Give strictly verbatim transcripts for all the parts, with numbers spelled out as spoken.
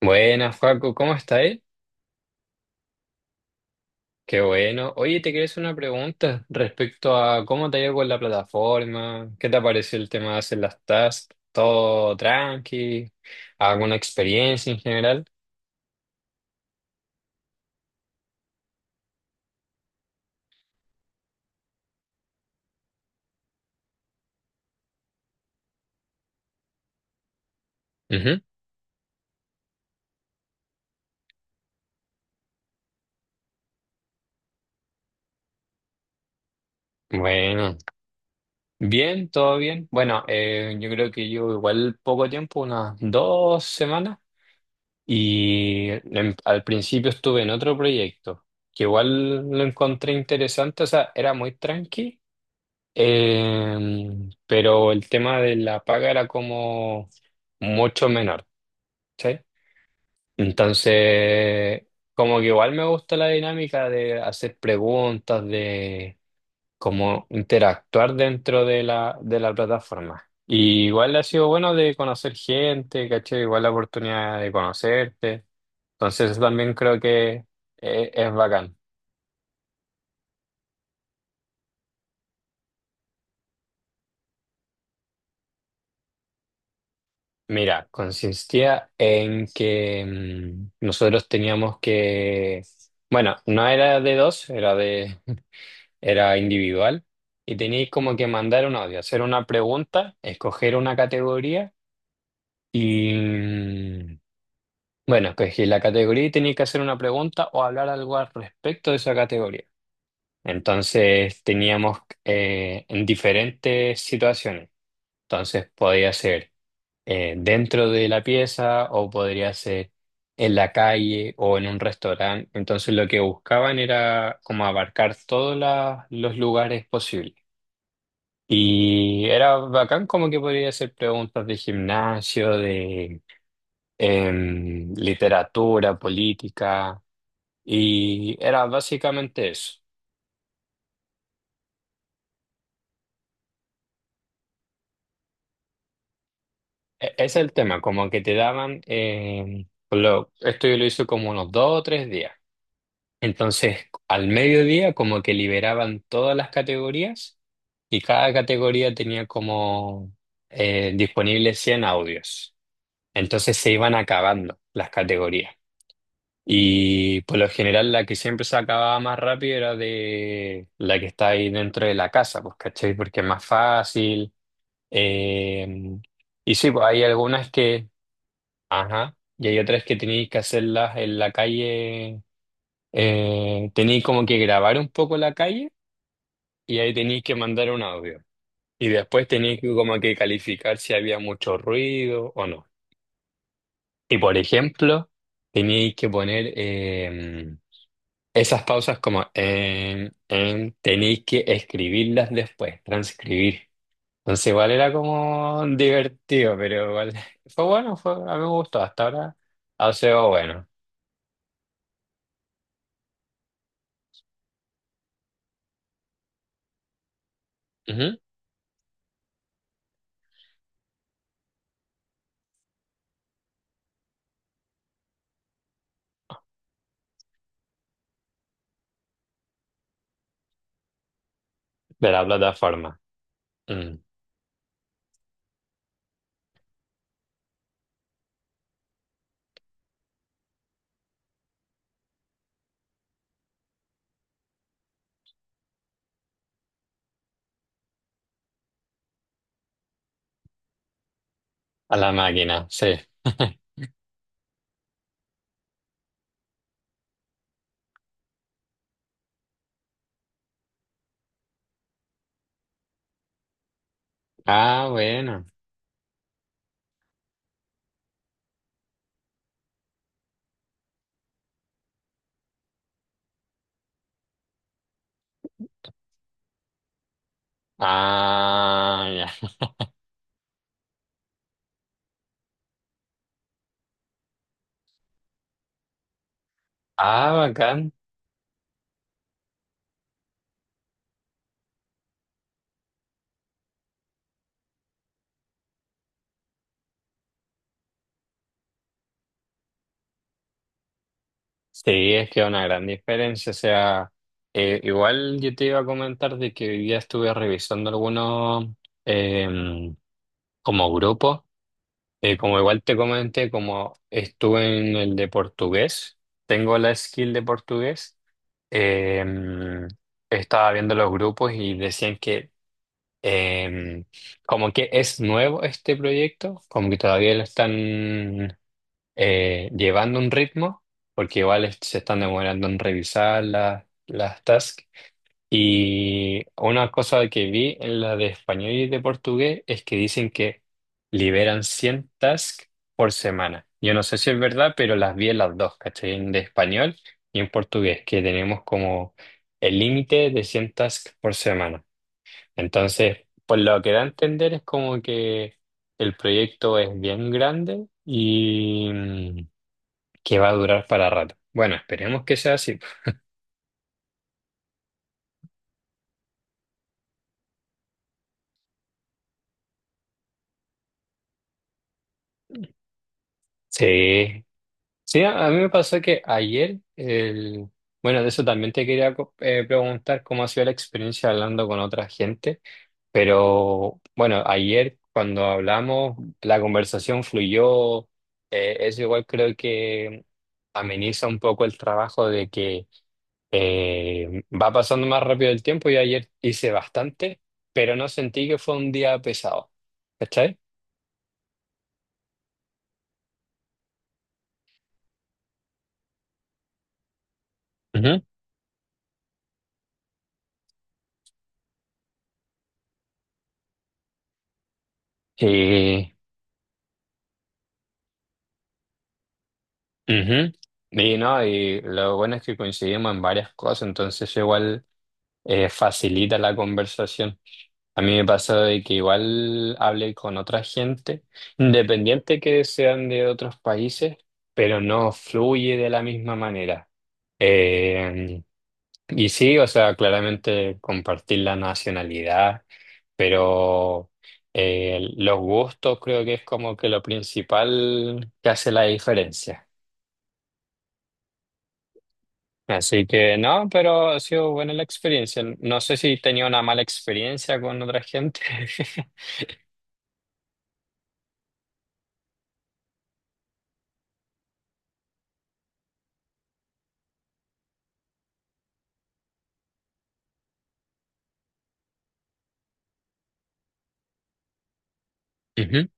Buenas, Joaco, ¿cómo estáis? Qué bueno. Oye, te quería hacer una pregunta respecto a cómo te ha ido con la plataforma, qué te pareció el tema de hacer las tasks, todo tranqui, alguna experiencia en general. Ujú. Bueno, bien, todo bien. Bueno, eh, yo creo que yo igual poco tiempo, unas dos semanas, y en- al principio estuve en otro proyecto, que igual lo encontré interesante, o sea, era muy tranqui. Em, pero el tema de la paga era como mucho menor, ¿sí? Entonces, como que igual me gusta la dinámica de hacer preguntas, de como interactuar dentro de la, de la plataforma. Y igual ha sido bueno de conocer gente, ¿cachai? Igual la oportunidad de conocerte. Entonces, eso también creo que eh, es bacán. Mira, consistía en que mm, nosotros teníamos que, bueno, no era de dos, era de, era individual y teníais como que mandar un audio, hacer una pregunta, escoger una categoría y, mm, bueno, escogí la categoría y teníais que hacer una pregunta o hablar algo al respecto de esa categoría. Entonces teníamos eh, en diferentes situaciones. Entonces podía ser eh, dentro de la pieza o podría ser en la calle o en un restaurante. Entonces lo que buscaban era como abarcar todos la- los lugares posibles. Y era bacán como que podría hacer preguntas de gimnasio, de em, literatura, política. Y era básicamente eso. E- ese es el tema, como que te daban, em, lo, esto yo lo hice como unos dos o tres días. Entonces, al mediodía como que liberaban todas las categorías y cada categoría tenía como eh, disponibles cien audios. Entonces se iban acabando las categorías. Y por lo general la que siempre se acababa más rápido era de la que está ahí dentro de la casa, pues, ¿cachai? Porque es más fácil. eh, y sí, pues hay algunas que, ajá, y hay otras que tenéis que hacerlas en la calle, eh, tenéis como que grabar un poco la calle y ahí tenéis que mandar un audio. Y después tenéis que como que calificar si había mucho ruido o no. Y por ejemplo, tenéis que poner eh, esas pausas como em, em, tenéis que escribirlas después, transcribir. Entonces igual era como divertido, pero igual fue bueno, fue, a mí me gustó. Hasta ahora ha sido bueno. Ujú. De la plataforma. Mm. A la máquina, sí. Ah, bueno. Ah, ya. Ah, bacán. Sí, es que es una gran diferencia. O sea, eh, igual yo te iba a comentar de que hoy día estuve revisando algunos em, como grupos. Eh, como igual te comenté, como estuve en el de portugués, tengo la skill de portugués. em, Estaba viendo los grupos y decían que em, como que es nuevo este proyecto, como que todavía lo están eh, llevando un ritmo, porque igual es- se están demorando en revisar la- las tasks. Y una cosa que vi en la de español y de portugués es que dicen que liberan cien tasks por semana. Yo no sé si es verdad, pero las vi en las dos, ¿cachai? En de español y en portugués, que tenemos como el límite de cien tasks por semana. Entonces, por lo que da a entender es como que el proyecto es bien grande y que va a durar para rato. Bueno, esperemos que sea así. Sí, sí, a, a mí me pasó que ayer, el... bueno, de eso también te quería co- eh, preguntar cómo ha sido la experiencia hablando con otra gente, pero bueno, ayer cuando hablamos, la conversación fluyó, eh, eso igual creo que ameniza un poco el trabajo de que eh, va pasando más rápido el tiempo y ayer hice bastante, pero no sentí que fue un día pesado, ¿cachai? Y, ujú. Y no, y lo bueno es que coincidimos en varias cosas, entonces eso igual eh, facilita la conversación. A mí me pasó de que igual hablé con otra gente, independiente que sean de otros países, pero no fluye de la misma manera. Eh, y sí, o sea, claramente compartir la nacionalidad, pero eh, los gustos creo que es como que lo principal que hace la diferencia. Así que no, pero ha sido buena la experiencia. No sé si tenía una mala experiencia con otra gente. Ujú.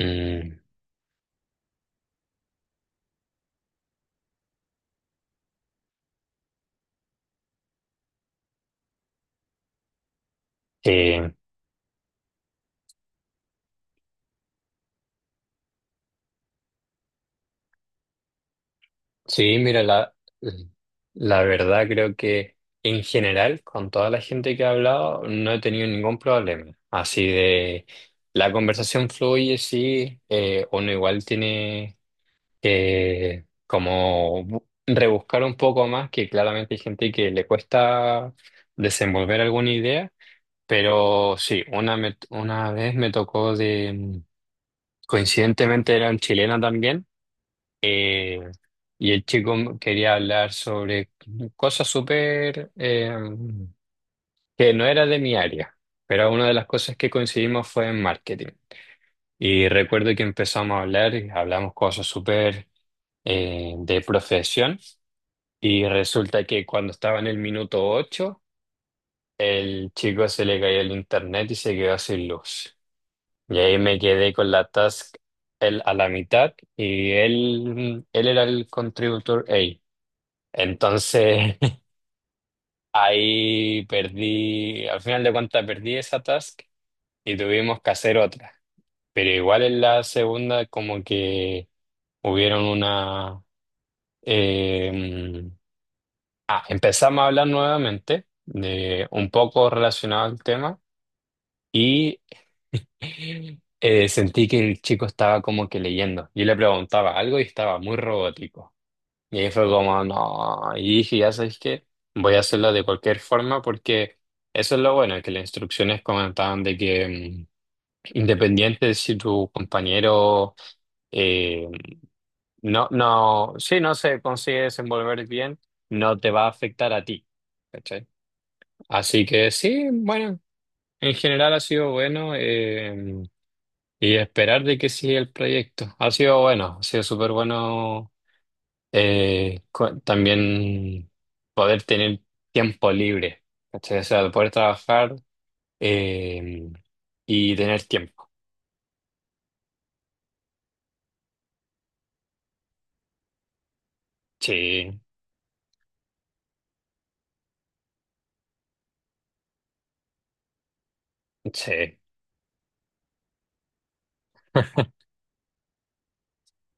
Mm, sí, sí, mira, la, la verdad creo que en general, con toda la gente que he hablado, no he tenido ningún problema. Así de, la conversación fluye, sí, eh, uno igual tiene que como bu- rebuscar un poco más, que claramente hay gente que le cuesta desenvolver alguna idea. Pero sí, una, me- una vez me tocó de, mm, coincidentemente era un chileno también, eh, y el chico m- quería hablar sobre cosas súper eh, mm, que no era de mi área, pero una de las cosas que coincidimos fue en marketing. Y recuerdo que empezamos a hablar y hablamos cosas súper eh, de profesión, y resulta que cuando estaba en el minuto ocho el chico se le caía el internet y se quedó sin luz. Y ahí me quedé con la task él a la mitad y él, él era el contributor A. Entonces ahí perdí, al final de cuentas perdí esa task y tuvimos que hacer otra. Pero igual en la segunda como que hubieron una... eh, ah, empezamos a hablar nuevamente de un poco relacionado al tema. Y Eh, sentí que el chico estaba como que leyendo. Yo le preguntaba algo y estaba muy robótico. Y ahí fue como, no. Y dije, ya sabes qué, voy a hacerlo de cualquier forma porque eso es lo bueno, que las instrucciones comentaban de que mm, independiente de si tu compañero eh, no, no, si no se consigue desenvolver bien, no te va a afectar a ti. ¿Cachai? Así que sí, bueno, en general ha sido bueno. Eh, y esperar de que siga el proyecto. Ha sido bueno, ha sido súper bueno, eh, co- también poder tener tiempo libre, ¿cachai? O sea, poder trabajar eh, y tener tiempo. Sí, sí.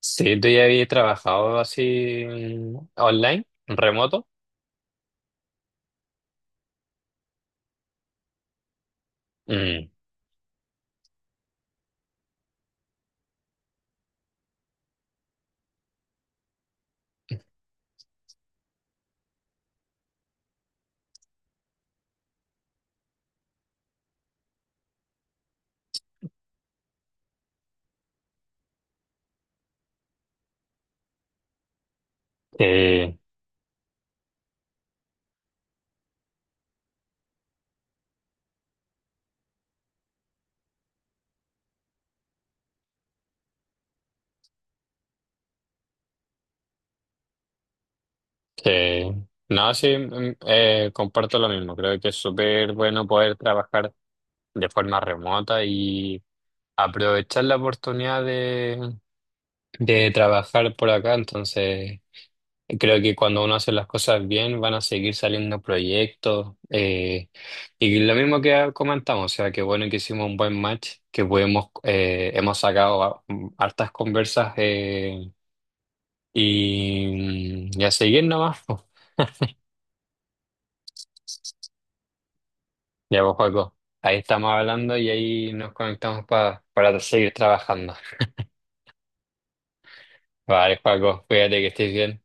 Sí, tú ya habías trabajado así mm, online, remoto. Mm, sí, sí. No, sí, mm, eh, comparto lo mismo. Creo que es súper bueno poder trabajar de forma remota aprovechar la oportunidad de, de trabajar por acá, entonces creo que cuando uno hace las cosas bien van a seguir saliendo proyectos, eh, y lo mismo que comentamos, o sea, que bueno que hicimos un buen match, que pudimos, eh, hemos sacado a- hartas conversas, eh, y, y a seguir nomás. Po. Ya pues, Joaco, ahí estamos hablando y ahí nos conectamos pa- para seguir trabajando. Vale, Joaco, cuídate que estés bien.